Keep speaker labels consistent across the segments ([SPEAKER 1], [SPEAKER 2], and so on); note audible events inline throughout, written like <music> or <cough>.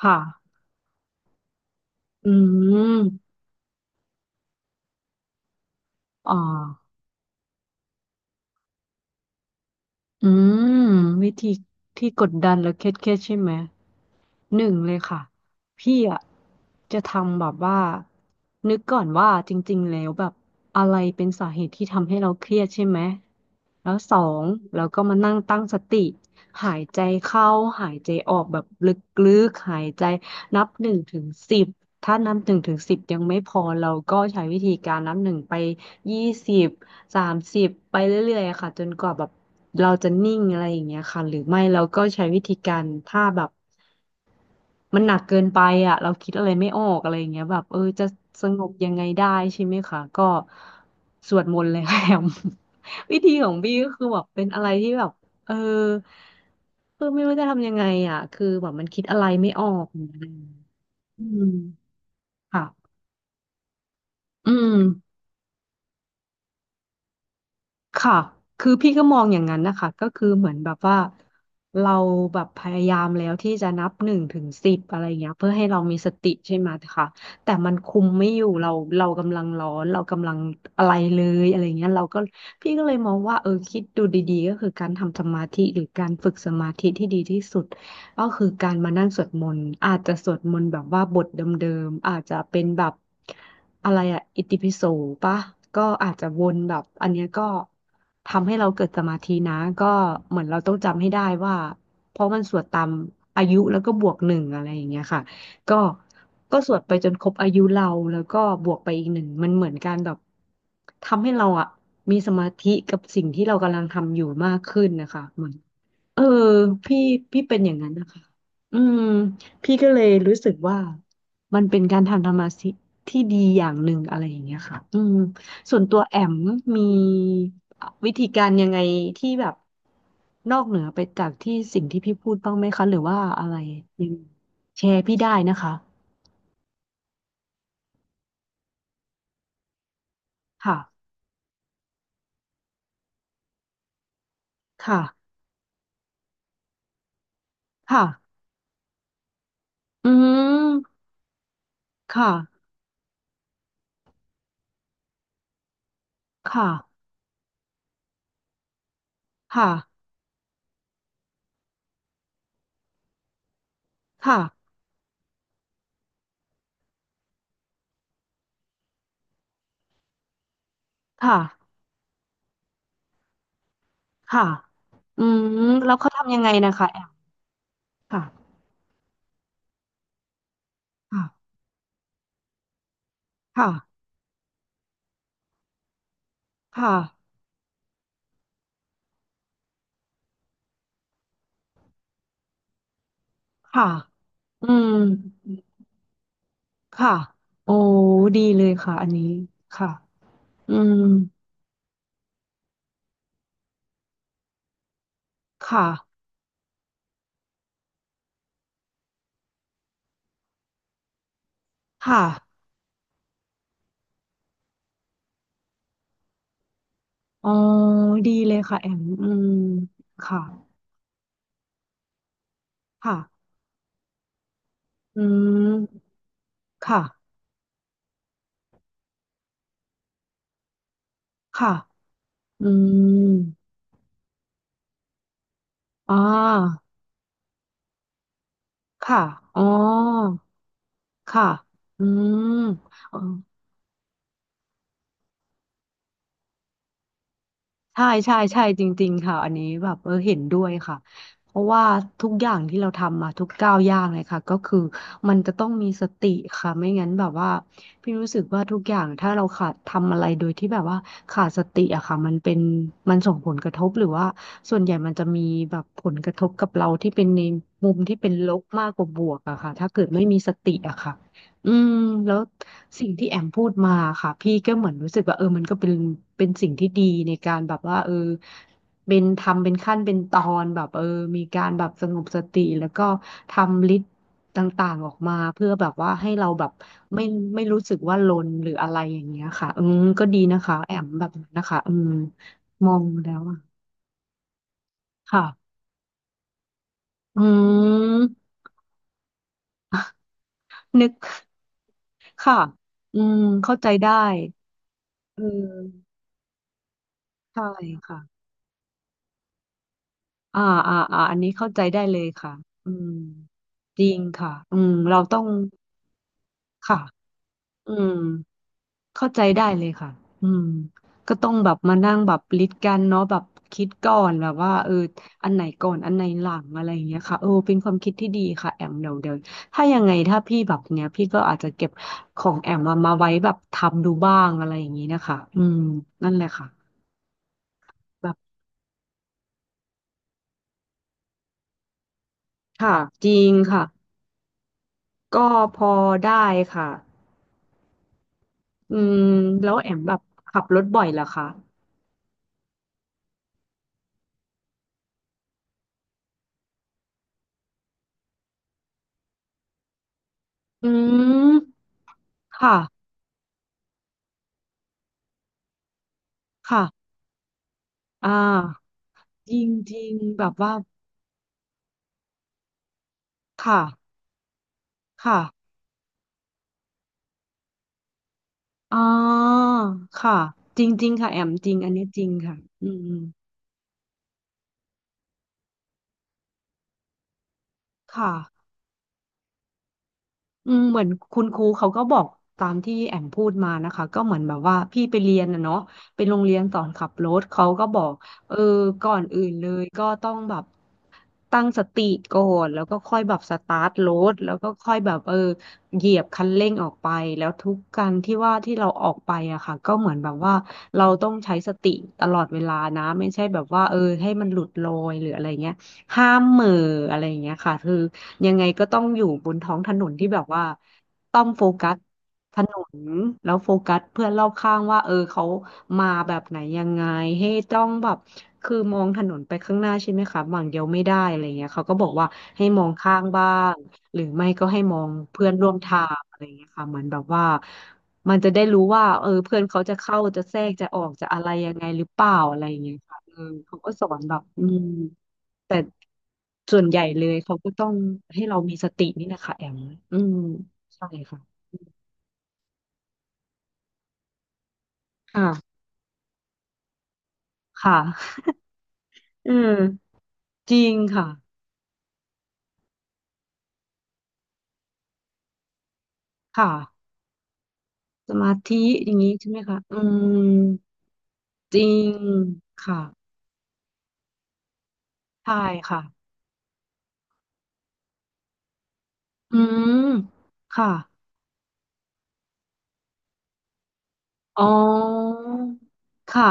[SPEAKER 1] ค่ะ อืมอ่าอืม วิธีที่กดดันและเครียดเครียดใช่ไหมหนึ่งเลยค่ะพี่อ่ะจะทำแบบว่า นึกก่อนว่าจริงๆแล้วแบบอะไรเป็นสาเหตุที่ทำให้เราเครียดใช่ไหม แล้วสองเราก็มานั่งตั้งสติ หายใจเข้าหายใจออกแบบลึกๆหายใจนับหนึ่งถึงสิบถ้านับหนึ่งถึงสิบยังไม่พอเราก็ใช้วิธีการนับหนึ่งไป20 30ไปเรื่อยๆอะค่ะจนกว่าแบบเราจะนิ่งอะไรอย่างเงี้ยค่ะหรือไม่เราก็ใช้วิธีการถ้าแบบมันหนักเกินไปอ่ะเราคิดอะไรไม่ออกอะไรอย่างเงี้ยแบบจะสงบยังไงได้ใช่ไหมคะก็สวดมนต์เลย <laughs> ค่ะแอม <laughs> วิธีของพี่ก็คือแบบเป็นอะไรที่แบบเออคือไม่รู้จะทำยังไงอ่ะคือแบบมันคิดอะไรไม่ออกอย่างเงี้ยอืมค่ะอืม ค่ะคือพี่ก็มองอย่างนั้นนะคะ ก็คือเหมือนแบบว่าเราแบบพยายามแล้วที่จะนับหนึ่งถึงสิบอะไรอย่างเงี้ยเพื่อให้เรามีสติใช่ไหมคะแต่มันคุมไม่อยู่เราเรากำลังร้อนเรากำลังอะไรเลยอะไรเงี้ยเราก็พี่ก็เลยมองว่าคิดดูดีๆก็คือการทำสมาธิหรือการฝึกสมาธิที่ดีที่สุด ก็คือการมานั่งสวดมนต์อาจจะสวดมนต์แบบว่าบทเดิมๆอาจจะเป็นแบบอะไรอะอิติปิโสปะก็อาจจะวนแบบอันเนี้ยก็ทำให้เราเกิดสมาธินะก็เหมือนเราต้องจำให้ได้ว่าเพราะมันสวดตามอายุแล้วก็บวกหนึ่งอะไรอย่างเงี้ยค่ะก็ก็สวดไปจนครบอายุเราแล้วก็บวกไปอีกหนึ่งมันเหมือนการแบบทำให้เราอะมีสมาธิกับสิ่งที่เรากำลังทำอยู่มากขึ้นนะคะเหมือน เออพี่พี่เป็นอย่างนั้นนะคะอืมพี่ก็เลยรู้สึกว่ามันเป็นการทำธรรมะสิที่ดีอย่างหนึ่งอะไรอย่างเงี้ยค่ะอืมส่วนตัวแอมมีวิธีการยังไงที่แบบนอกเหนือไปจากที่สิ่งที่พี่พูดบ้างไหมคะหรือว่าอะไรยังแชร์พี่ได้นะคะค่ะค่ะค่ะอืมค่ะค่ะค่ะค่ะค่ะค่ะอืมแล้วเขาทำยังไงนะคะแอมค่ะค่ะ ค่ะค่ะค่ะอืมค่ะโอ้ดีเลยค่ะอันนี้ค่ะอืมค่ะค่ะอ๋อดีเลยค่ะแอมอืมค่ะค่ะอืมค่ะค่ะอืมอ่าค่ะอ๋อค่ะอืม ใช่ใช่ใช่จริงๆค่ะอันนี้แบบเห็นด้วยค่ะเพราะว่าทุกอย่างที่เราทำมาทุกก้าวย่างเลยค่ะก็คือมันจะต้องมีสติค่ะไม่งั้นแบบว่าพี่รู้สึกว่าทุกอย่างถ้าเราขาดทำอะไรโดยที่แบบว่าขาดสติอะค่ะมันเป็นมันส่งผลกระทบหรือว่าส่วนใหญ่มันจะมีแบบผลกระทบกับเราที่เป็นในมุมที่เป็นลบมากกว่าบวกอะค่ะถ้าเกิดไม่มีสติอะค่ะอืมแล้ว สิ่งที่แอมพูดมาค่ะพี่ก็เหมือนรู้สึกว่ามันก็เป็นสิ่งที่ดีในการแบบว่าเป็นทำเป็นขั้นเป็นตอนแบบมีการแบบสงบสติแล้วก็ทำลิสต์ต่างๆออกมาเพื่อแบบว่าให้เราแบบไม่ไม่รู้สึกว่าลนหรืออะไรอย่างเงี้ยค่ะอืมก็ดีนะคะแอมแบบนั้นนะคะอืมมองแล้วอะค่ะอืม <laughs> นึกค่ะอืมเข้าใจได้เออใช่ค่ะ อ่าอันนี้เข้าใจได้เลยค่ะอืมจริงค่ะอืมเราต้องค่ะอืมเข้าใจได้เลยค่ะอืมก็ต้องแบบมานั่งแบบลิดกันเนาะแบบคิดก่อนแบบว่าอันไหนก่อนอันไหนหลังอะไรอย่างเงี้ยค่ะเป็นความคิดที่ดีค่ะแอมเดี๋ยวเดี๋ยวถ้ายังไงถ้าพี่แบบเนี้ยพี่ก็อาจจะเก็บของแอมมาไว้แบบทำดูบ้างอะไรอย่างงี้นะคะอืมนั่นแหละค่ะแบบค่ะจริงค่ะก็พอได้ค่ะ อืมแล้วแอมแบบขับรถบ่อยเหรอคะอืมค่ะค่ะอ่าจริงจริงแบบว่าค่ะค่ะอ่าค่ะจริงจริงค่ะแอมจริงอันนี้จริงค่ะอืมค่ะอืมเหมือนคุณครูเขาก็บอกตามที่แอมพูดมานะคะก็เหมือนแบบว่าพี่ไปเรียนนะเนาะเป็นโรงเรียนสอนขับรถเขาก็บอกเออก่อนอื่นเลยก็ต้องแบบ ตั้งสติก่อนแล้วก็ค่อยแบบสตาร์ทรถแล้วก็ค่อยแบบเหยียบคันเร่งออกไปแล้วทุกการที่ว่าที่เราออกไปอะค่ะก็เหมือนแบบว่าเราต้องใช้สติตลอดเวลานะไม่ใช่แบบว่าเออให้มันหลุดลอยหรืออะไรเงี้ยห้ามเหม่ออะไรอย่างเงี้ยค่ะคือยังไงก็ต้องอยู่บนท้องถนนที่แบบว่าต้องโฟกัส ถนนแล้วโฟกัสเพื่อนรอบข้างว่าเออเขามาแบบไหนยังไงให้ต้องแบบคือมองถนนไปข้างหน้าใช่ไหมคะฝั่งเดียวไม่ได้อะไรเงี้ยเขาก็บอกว่าให้มองข้างบ้างหรือไม่ก็ให้มองเพื่อนร่วมทางอะไรเงี้ยค่ะเหมือนแบบว่ามันจะได้รู้ว่าเออเพื่อนเขาจะเข้าจะแทรกจะออกจะอะไรยังไงหรือเปล่าอะไรเงี้ยค่ะเออเขาก็สอนแบบอืมแต่ส่วนใหญ่เลยเขาก็ต้องให้เรามีสตินี่แหละค่ะแอมอืมใช่ค่ะค่ะค่ะ อืมจริงค่ะค่ะสมาธิอย่างนี้ใช่ไหมคะอืมจริงค่ะใช่ค่ะอืมค่ะอ๋อค่ะ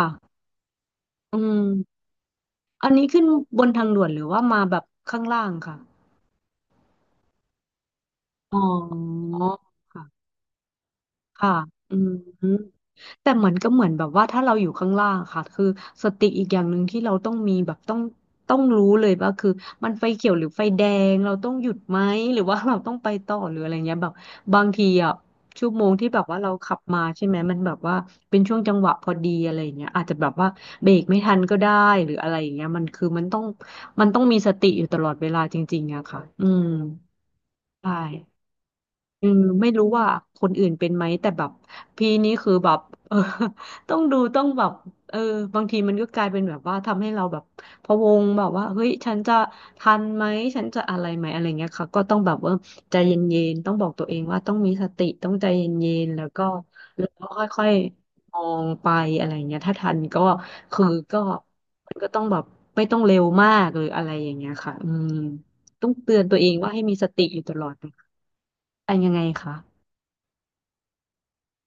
[SPEAKER 1] อืมอันนี้ขึ้นบนทางด่วนหรือว่ามาแบบข้างล่างค่ะอ๋อค่ะค่ะอืม แต่เหมือนก็เหมือนแบบว่าถ้าเราอยู่ข้างล่างค่ะคือสติอีกอย่างหนึ่งที่เราต้องมีแบบต้องรู้เลยว่าคือมันไฟเขียวหรือไฟแดงเราต้องหยุดไหมหรือว่าเราต้องไปต่อหรืออะไรเงี้ยแบบบางทีอ่ะชั่วโมงที่แบบว่าเราขับมาใช่ไหมมันแบบว่าเป็นช่วงจังหวะพอดีอะไร่าเงี้ยอาจจะแบบว่าเบรกไม่ทันก็ได้หรืออะไรอย่างเงี้ยมันคือมันต้องมีสติอยู่ตลอดเวลาจริงๆอะค่ะอืมใช่ อืมไม่รู้ว่าคนอื่นเป็นไหมแต่แบบพี่นี่คือแบบเออ <laughs> ต้องดูต้องแบบเออบางทีมันก็กลายเป็นแบบว่าทำให้เราแบบพะวงแบบว่าเฮ้ยฉันจะทันไหมฉันจะอะไรไหมอะไรเงี้ยค่ะก็ต้องแบบว่าใจเย็นๆต้องบอกตัวเองว่าต้องมีสติต้องใจเย็นๆแล้วก็แล้วก็ค่อยๆมองไปอะไรเงี้ยถ้าทันก็คือก็มันก็ต้องแบบไม่ต้องเร็วมากหรืออะไรอย่างเงี้ยค่ะอืมต้องเตือนตัวเองว่าให้มีสติอยู่ตลอดเป็นยังไงคะ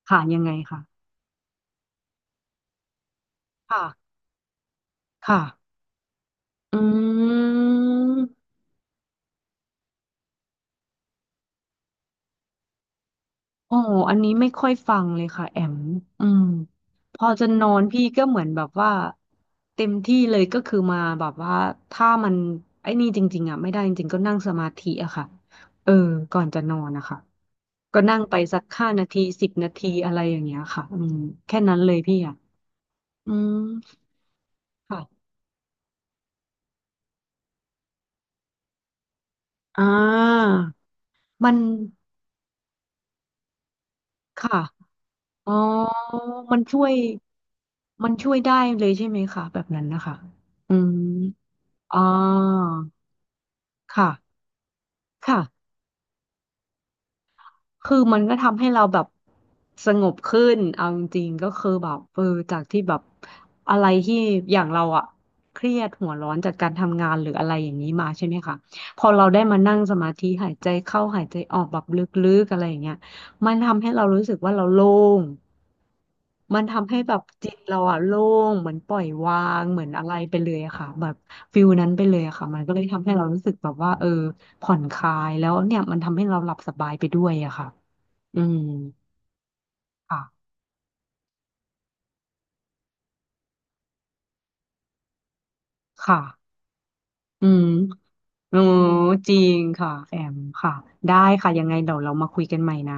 [SPEAKER 1] ค่ะยังไงค่ะค่ะค่ะอืมโอ้อันนี้ไม่ค่อยฟังเลยค่ะแอมอืมพอจะนอนพี่ก็เหมือนแบบว่าเต็มที่เลยก็คือมาแบบว่าถ้ามันไอ้นี่จริงๆอ่ะไม่ได้จริงๆก็นั่งสมาธิอะค่ะเออก่อนจะนอนนะคะก็นั่งไปสักห้านาทีสิบนาทีอะไรอย่างเงี้ยค่ะอืมแค่นั้นเลยพี่อ่ะอืมค่ะอ่ามันค่ะอ๋อมันช่วย มันช่วยได้เลยใช่ไหมคะแบบนั้นนะคะอืมอ่าค่ะค่ะคือมันก็ทำให้เราแบบสงบขึ้นเอาจริงๆก็คือแบบเออจากที่แบบอะไรที่อย่างเราอะเครียดหัวร้อนจากการทำงานหรืออะไรอย่างนี้มาใช่ไหมคะพอเราได้มานั่งสมาธิหายใจเข้าหายใจออกแบบลึกๆอะไรอย่างเงี้ยมันทำให้เรารู้สึกว่าเราโล่ง มันทำให้แบบจิตเราอะโล่งเหมือนปล่อยวางเหมือนอะไรไปเลยอะค่ะแบบฟิลนั้นไปเลยอะค่ะมันก็เลยทำให้เรารู้สึกแบบว่าเออผ่อนคลายแล้วเนี่ยมันทำให้เราหลับสบายไปด้วยอะค่ะอืมค่ะค่ะอืมโอ้จริงค่ะแอมค่ะได้ค่ะยังไงเดี๋ยวเรามาคุยกันใหม่นะ